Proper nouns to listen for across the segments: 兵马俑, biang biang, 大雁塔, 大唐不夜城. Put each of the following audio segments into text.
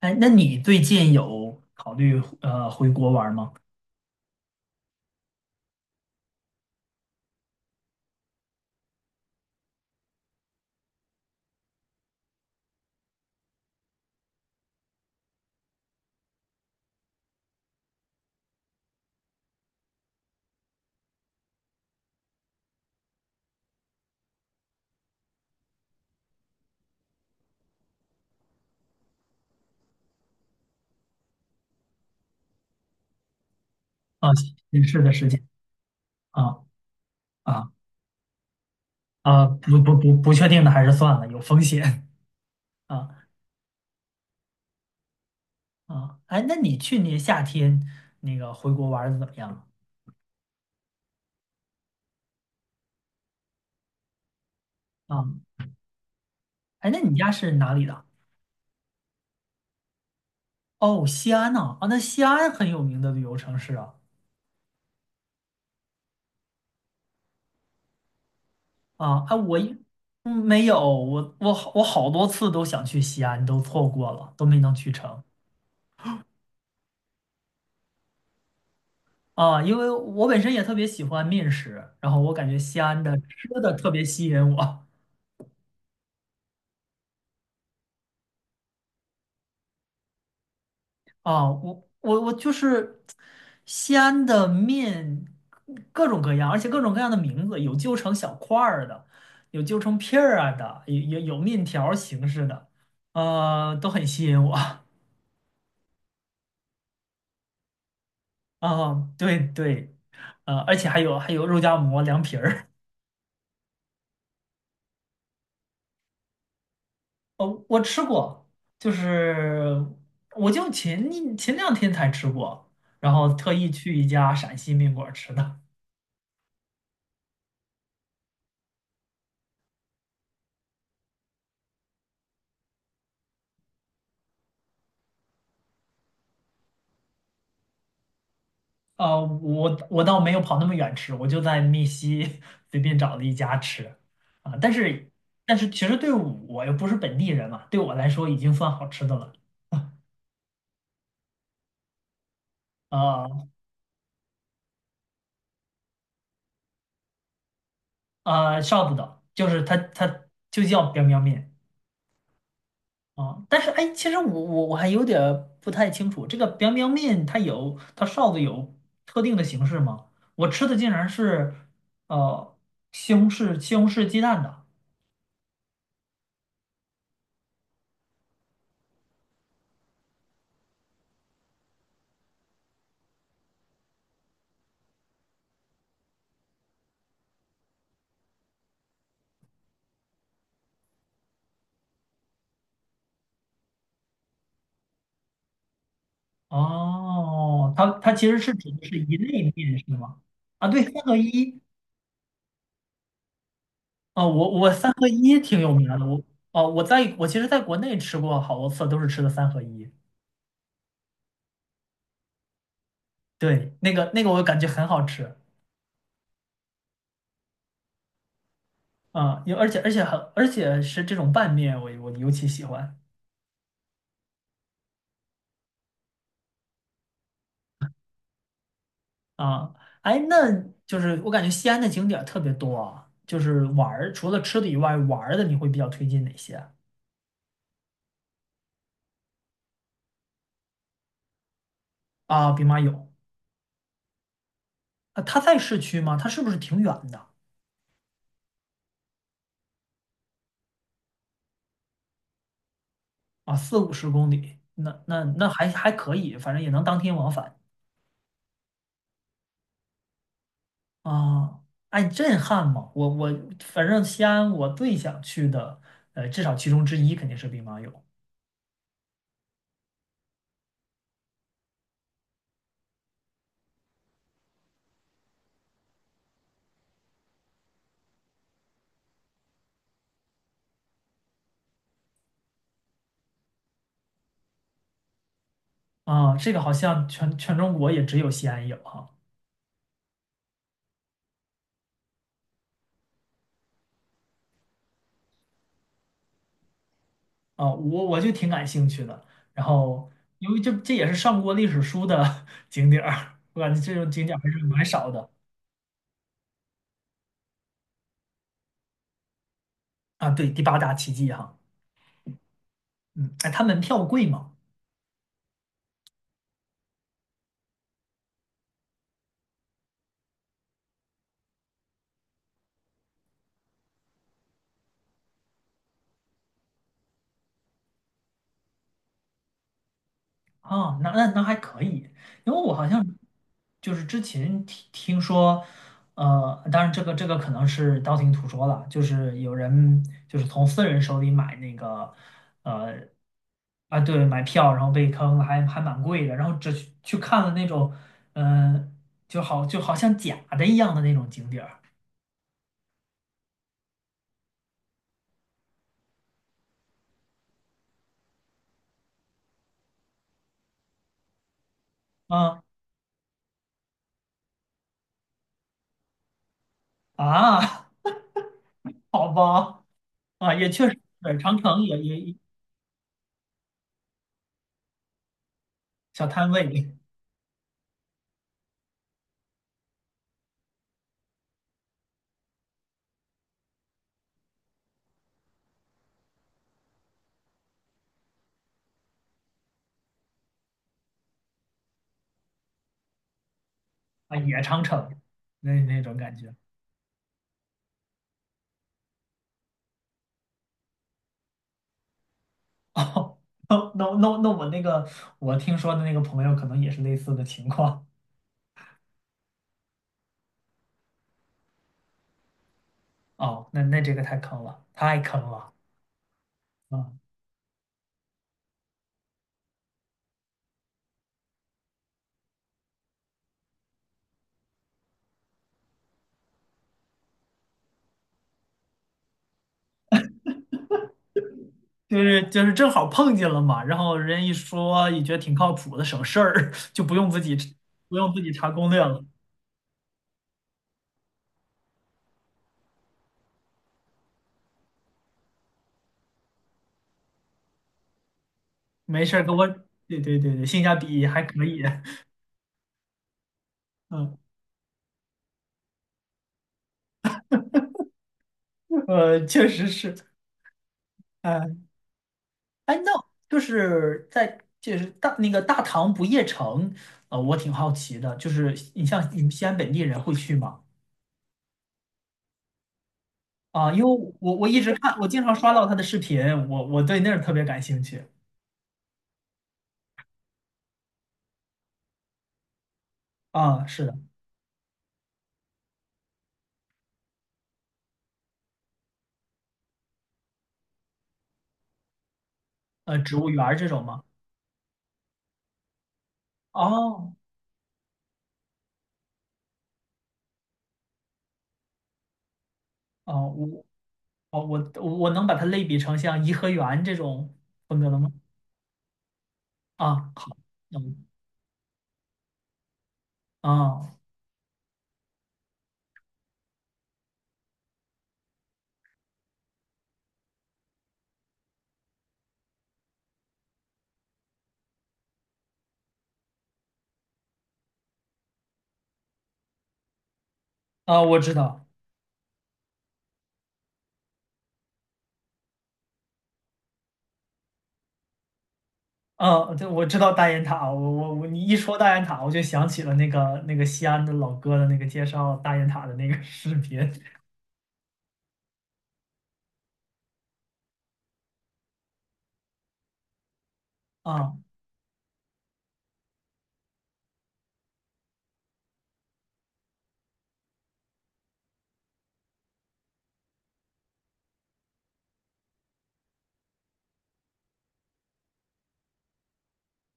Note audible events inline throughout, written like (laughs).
哎，那你最近有考虑回国玩吗？啊，新式的事情啊啊啊，不确定的还是算了，有风险啊啊。哎，那你去年夏天那个回国玩的怎么样了啊。哎，那你家是哪里的？哦，西安呢？啊，那西安很有名的旅游城市啊。啊，哎，嗯，没有，我好多次都想去西安，都错过了，都没能去成。啊，因为我本身也特别喜欢面食，然后我感觉西安的吃的特别吸引我。啊，我就是西安的面，各种各样，而且各种各样的名字，有揪成小块儿的，有揪成片儿啊的，有面条儿形式的，都很吸引我。 (laughs) 啊，对对，而且还有肉夹馍、凉皮儿。哦，我吃过，就是我就前两天才吃过，然后特意去一家陕西面馆儿吃的。我倒没有跑那么远吃，我就在密西 (laughs) 随便找了一家吃。啊，但是其实对我又不是本地人嘛，对我来说已经算好吃的了。啊啊。臊子的，就是它就叫 biang biang 面。啊，但是哎，其实我还有点儿不太清楚，这个 biang biang 面它臊子有特定的形式吗？我吃的竟然是呃西红柿鸡蛋的。哦，它其实是指的是一类面是吗？啊，对，三合一。啊，我三合一挺有名儿的。我哦，我其实在国内吃过好多次，都是吃的三合一。对，那个我感觉很好吃。啊，有而且而且很而且是这种拌面，我尤其喜欢。啊，哎，那就是我感觉西安的景点儿特别多啊，就是玩儿，除了吃的以外，玩儿的你会比较推荐哪些？啊？兵马俑。啊，它在市区吗？它是不是挺远的？啊？四五十公里，那还可以，反正也能当天往返。啊。哎，震撼嘛！我反正西安我最想去的，至少其中之一肯定是兵马俑。啊。这个好像全中国也只有西安有哈。啊，我就挺感兴趣的。然后，因为这也是上过历史书的 (laughs) 景点儿，我感觉这种景点儿还是蛮少的。啊。对，第八大奇迹哈。嗯，哎，它门票贵吗？哦，那还可以，因为我好像就是之前听说，当然这个可能是道听途说了，就是有人就是从私人手里买那个，呃，啊，对，买票然后被坑了，还蛮贵的，然后只去看了那种。嗯、就好像假的一样的那种景点儿。啊啊。(laughs) 好吧。啊，也确实，对，长城也小摊位啊，也长城那种感觉。(laughs) 哦，那我听说的那个朋友可能也是类似的情况。哦，那这个太坑了，太坑了。啊！就是正好碰见了嘛，然后人一说也觉得挺靠谱的，省事儿，(laughs) 就不用自己不用自己查攻略了。没事儿跟我，对对对对，性价比还可以。(laughs) 嗯，确实是。哎，哎，那就是在就是大那个大唐不夜城，我挺好奇的，就是像你们西安本地人会去吗？啊，因为我一直看，我经常刷到他的视频，我对那儿特别感兴趣。啊，是的。植物园儿这种吗？哦哦，我能把它类比成像颐和园这种风格的吗？啊，好，嗯。啊啊，我知道。啊，对，我知道大雁塔，我我我，你一说大雁塔，我就想起了那个西安的老哥的那个介绍大雁塔的那个 (laughs) 视频。啊，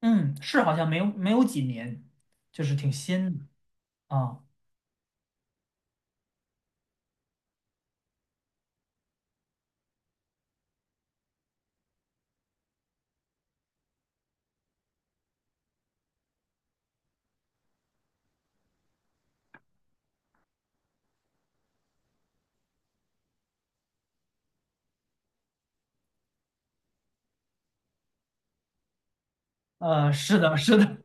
嗯，是好像没有几年，就是挺新的。啊。是的，是的。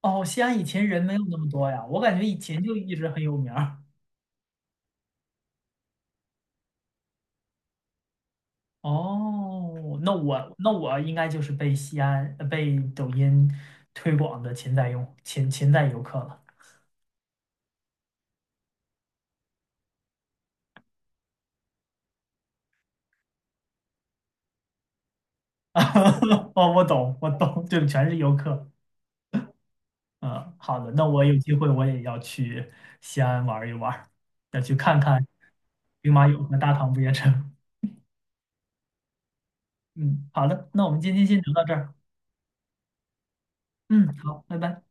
哦，西安以前人没有那么多呀，我感觉以前就一直很有名儿。哦，那我应该就是被西安被抖音推广的潜在用潜在游客了。(laughs) 哦，我懂，我懂，就全是游客。嗯，好的，那我有机会我也要去西安玩一玩，要去看看兵马俑和大唐不夜城。嗯，好的，那我们今天先聊到这儿。嗯，好，拜拜。